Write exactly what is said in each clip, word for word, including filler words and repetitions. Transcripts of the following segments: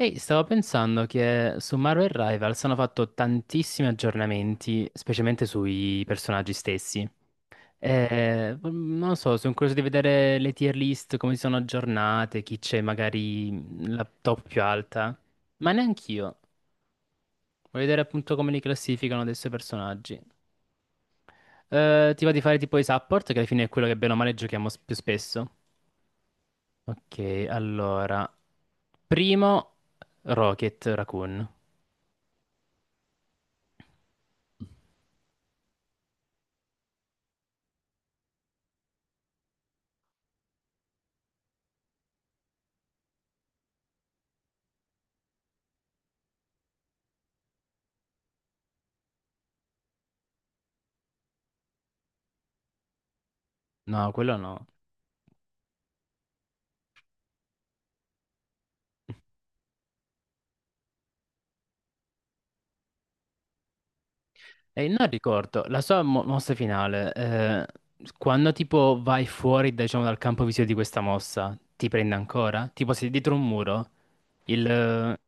Ehi, stavo pensando che su Marvel Rivals hanno fatto tantissimi aggiornamenti, specialmente sui personaggi stessi. Eh, non lo so, sono curioso di vedere le tier list, come si sono aggiornate, chi c'è magari la top più alta. Ma neanch'io. Voglio vedere appunto come li classificano adesso i personaggi. Eh, ti va di fare tipo i support, che alla fine è quello che bene o male giochiamo s- più spesso. Ok, allora. Primo, Rocket Raccoon. No, quello no. E non ricordo, la sua mo- mossa finale, eh, quando tipo vai fuori, diciamo, dal campo visivo di questa mossa, ti prende ancora? Tipo sei dietro un muro, il, eh,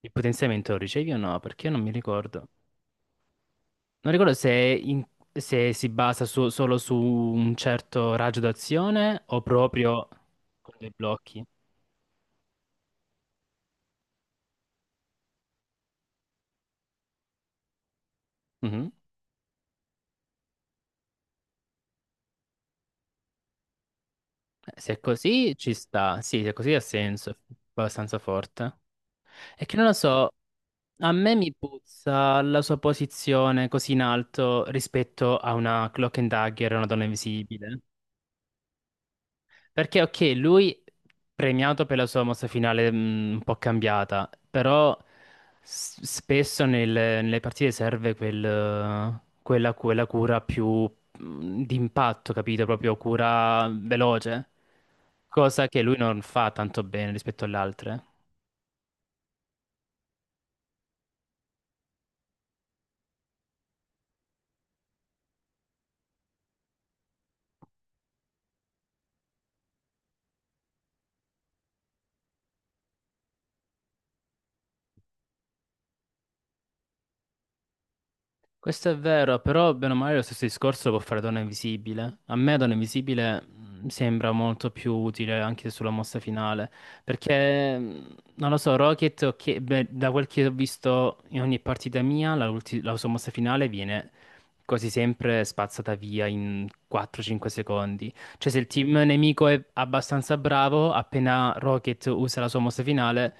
il potenziamento lo ricevi o no? Perché io non mi ricordo. Non ricordo se, è in- se si basa su- solo su un certo raggio d'azione o proprio con dei blocchi. Mhm. Se è così ci sta, sì, se è così ha senso, è abbastanza forte. È che non lo so. A me mi puzza la sua posizione così in alto rispetto a una Cloak and Dagger, una donna invisibile. Perché, ok, lui premiato per la sua mossa finale mh, un po' cambiata, però s- spesso nel- nelle partite serve quel, eh, quella, quella cura più mh, d'impatto, capito? Proprio cura veloce, cosa che lui non fa tanto bene rispetto alle altre. Questo è vero, però bene o male lo stesso discorso può fare Donna Invisibile. A me Donna Invisibile mh, sembra molto più utile anche sulla mossa finale, perché mh, non lo so, Rocket, ok, beh, da quel che ho visto in ogni partita mia, la, ulti- la sua mossa finale viene quasi sempre spazzata via in quattro cinque secondi. Cioè se il team nemico è abbastanza bravo, appena Rocket usa la sua mossa finale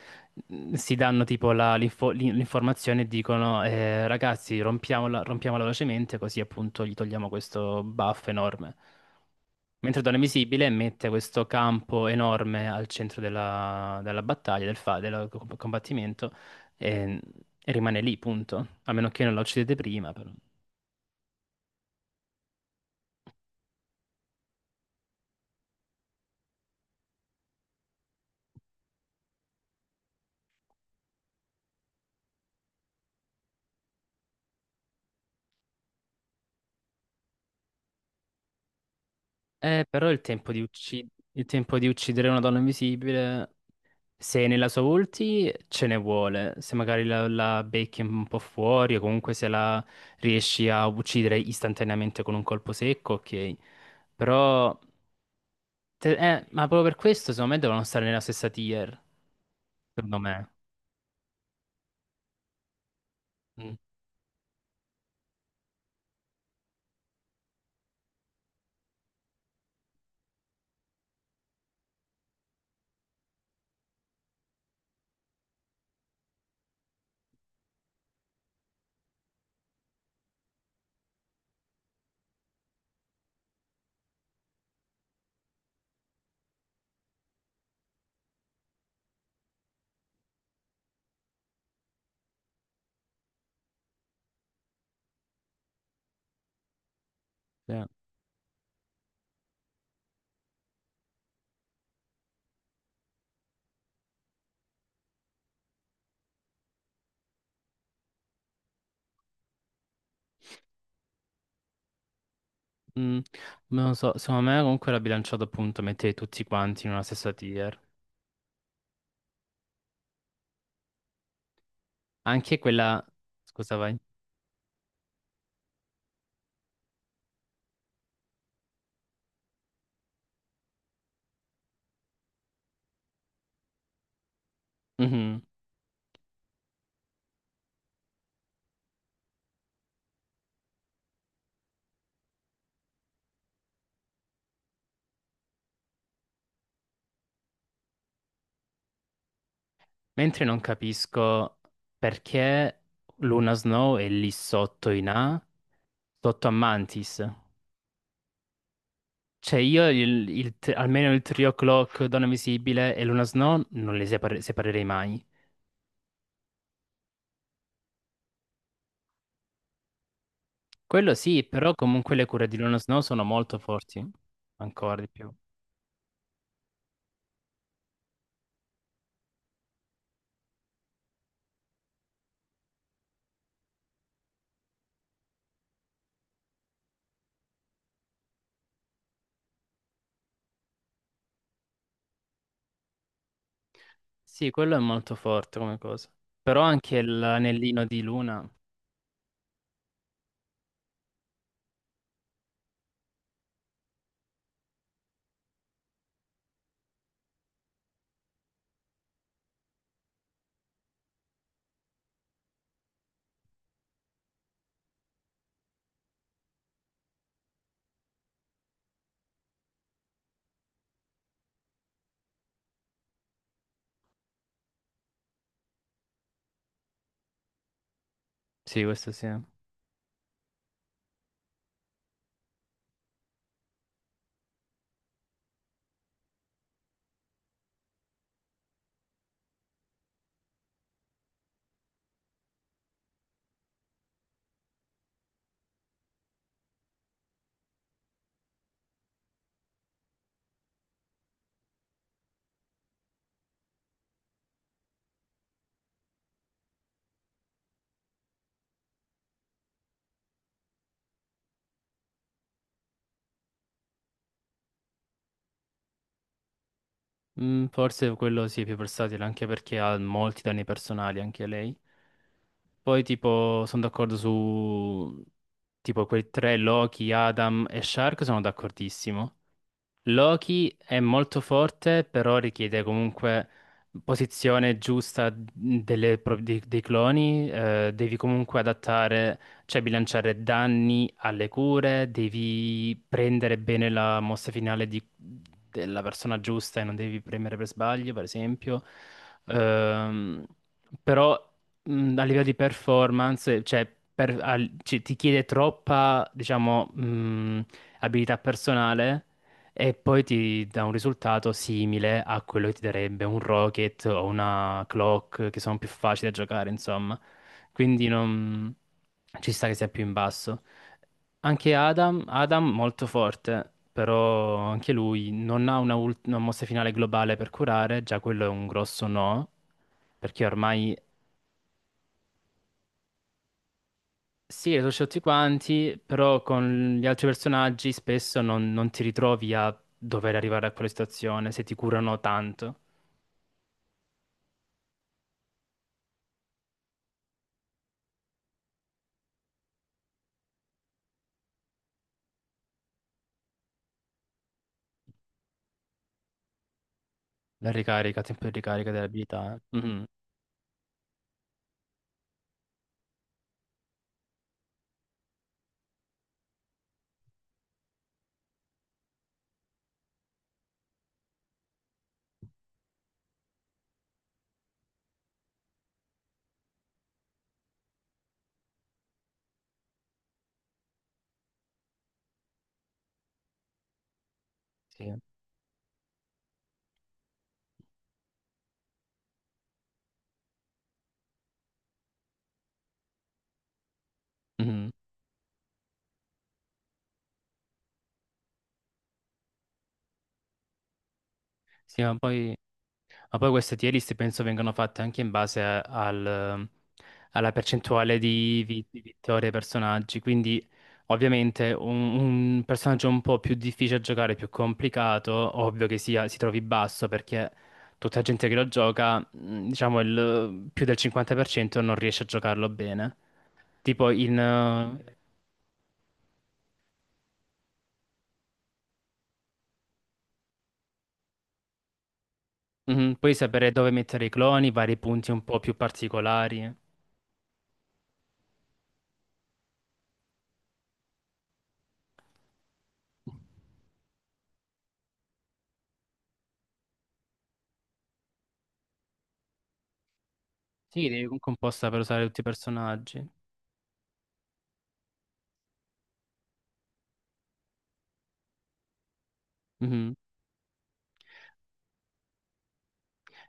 mm, si danno tipo la- l'info- l'in- l'informazione e dicono eh, ragazzi rompiamola, rompiamola velocemente così appunto gli togliamo questo buff enorme. Mentre Donna Invisibile mette questo campo enorme al centro della, della battaglia, del, fa- del co- combattimento e, e rimane lì, punto. A meno che non la uccidete prima, però. Eh, però il tempo di ucci- il tempo di uccidere una donna invisibile, se nella sua ulti ce ne vuole, se magari la, la becchi un po' fuori o comunque se la riesci a uccidere istantaneamente con un colpo secco, ok. Però, te- eh, ma proprio per questo secondo me devono stare nella stessa tier, secondo me. Mm, sì. Mm, non lo so, secondo me comunque l'ha bilanciato appunto mettere tutti quanti in una stessa tier. Anche quella... Scusa, vai. Mhm. Mentre non capisco perché Luna Snow è lì sotto in A sotto a Mantis. Cioè io il- il tri- almeno il trio Clock, Donna Visibile e Luna Snow non li separ- separerei mai. Quello sì, però comunque le cure di Luna Snow sono molto forti, ancora di più. Sì, quello è molto forte come cosa. Però anche l'anellino di Luna, sì, questo sì. Mm, forse quello sì, è più versatile, anche perché ha molti danni personali, anche lei. Poi tipo sono d'accordo su tipo quei tre Loki, Adam e Shark, sono d'accordissimo. Loki è molto forte, però richiede comunque posizione giusta delle pro- di- dei cloni. eh, devi comunque adattare, cioè bilanciare danni alle cure, devi prendere bene la mossa finale di- della persona giusta e non devi premere per sbaglio, per esempio. Ehm, Però mh, a livello di performance, cioè, per- al- ci- ti chiede troppa, diciamo, mh, abilità personale e poi ti dà un risultato simile a quello che ti darebbe un Rocket o una Clock, che sono più facili da giocare, insomma. Quindi non... ci sta che sia più in basso. Anche Adam, Adam molto forte, però anche lui non ha una, ult- una mossa finale globale per curare, già quello è un grosso no, perché ormai sì, le conosci tutti quanti, però con gli altri personaggi spesso non, non ti ritrovi a dover arrivare a quella situazione se ti curano tanto. La ricarica, tempo di ricarica delle abilità. Eh. Mhm. Sì. Mhm. Sì, ma poi, ma poi queste tier list penso vengano fatte anche in base a- al- alla percentuale di vi- di vittorie ai personaggi. Quindi, ovviamente, un, un personaggio un po' più difficile da giocare, più complicato, ovvio che sia, si trovi basso perché tutta gente che lo gioca, mh, diciamo, il, più del cinquanta per cento non riesce a giocarlo bene. Tipo in, mhm, puoi sapere dove mettere i cloni, vari punti un po' più particolari. Sì, devi comunque un po' saper usare tutti i personaggi. Mhm.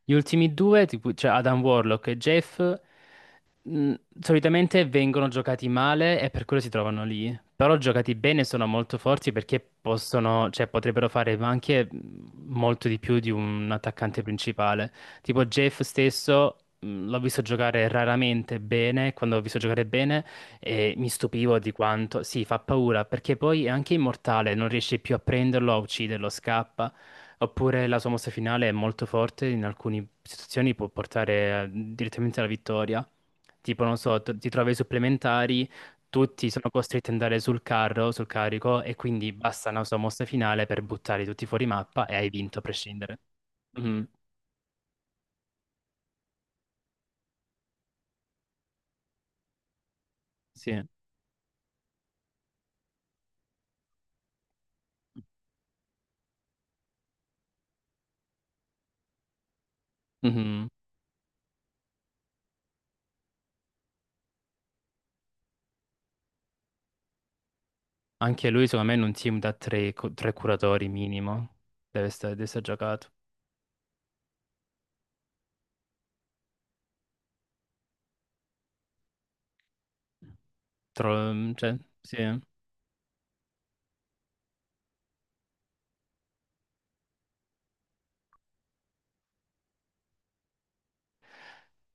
Gli ultimi due, tipo, cioè Adam Warlock e Jeff, mh, solitamente vengono giocati male e per quello si trovano lì. Però giocati bene sono molto forti perché possono, cioè, potrebbero fare anche mh, molto di più di un attaccante principale. Tipo Jeff stesso, mh, l'ho visto giocare raramente bene, quando l'ho visto giocare bene e mi stupivo di quanto, sì, fa paura perché poi è anche immortale, non riesce più a prenderlo, a ucciderlo, scappa. Oppure la sua mossa finale è molto forte, in alcune situazioni può portare eh, direttamente alla vittoria. Tipo, non so, t- ti trovi ai supplementari, tutti sono costretti ad andare sul carro, sul carico, e quindi basta una sua mossa finale per buttare tutti fuori mappa e hai vinto a prescindere. Mhm. Sì. Mhm. Anche lui, secondo me, in un team da tre, cu- tre curatori minimo deve essere, deve essere giocato. Tro- cioè, sì.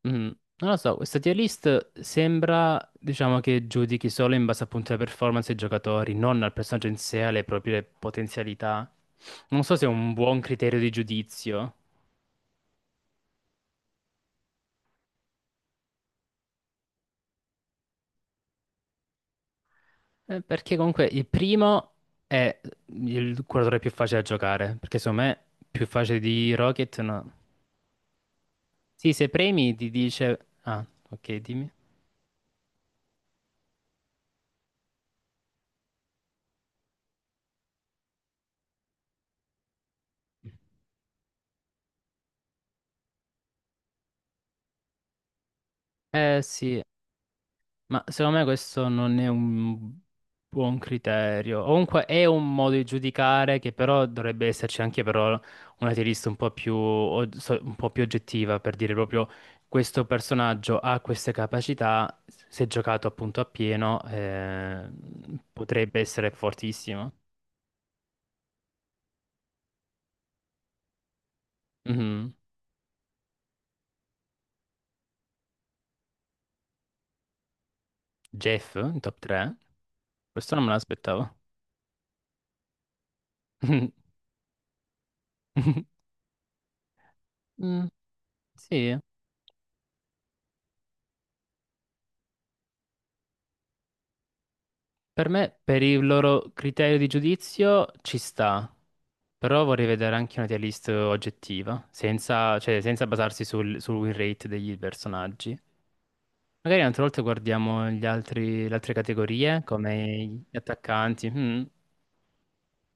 Mm, non lo so, questa tier list sembra, diciamo, che giudichi solo in base appunto alle performance dei giocatori, non al personaggio in sé, alle proprie potenzialità. Non so se è un buon criterio di giudizio, eh, perché comunque il primo è il curatore più facile da giocare, perché secondo me più facile di Rocket no. Sì, se premi ti dice... Ah, ok, dimmi. Eh sì, ma secondo me questo non è un buon criterio. O comunque è un modo di giudicare che però dovrebbe esserci anche però una tirista un po' più, o- so- un po' più oggettiva per dire proprio questo personaggio ha queste capacità, se giocato appunto a pieno eh, potrebbe essere fortissimo. Mhm. Jeff in top tre? Questo non me l'aspettavo. Mm. Sì. Per me, per il loro criterio di giudizio, ci sta, però vorrei vedere anche una tier list oggettiva, senza, cioè, senza basarsi sul, sul win rate degli personaggi. Magari un'altra volta guardiamo gli altri, le altre categorie, come gli attaccanti. Mm.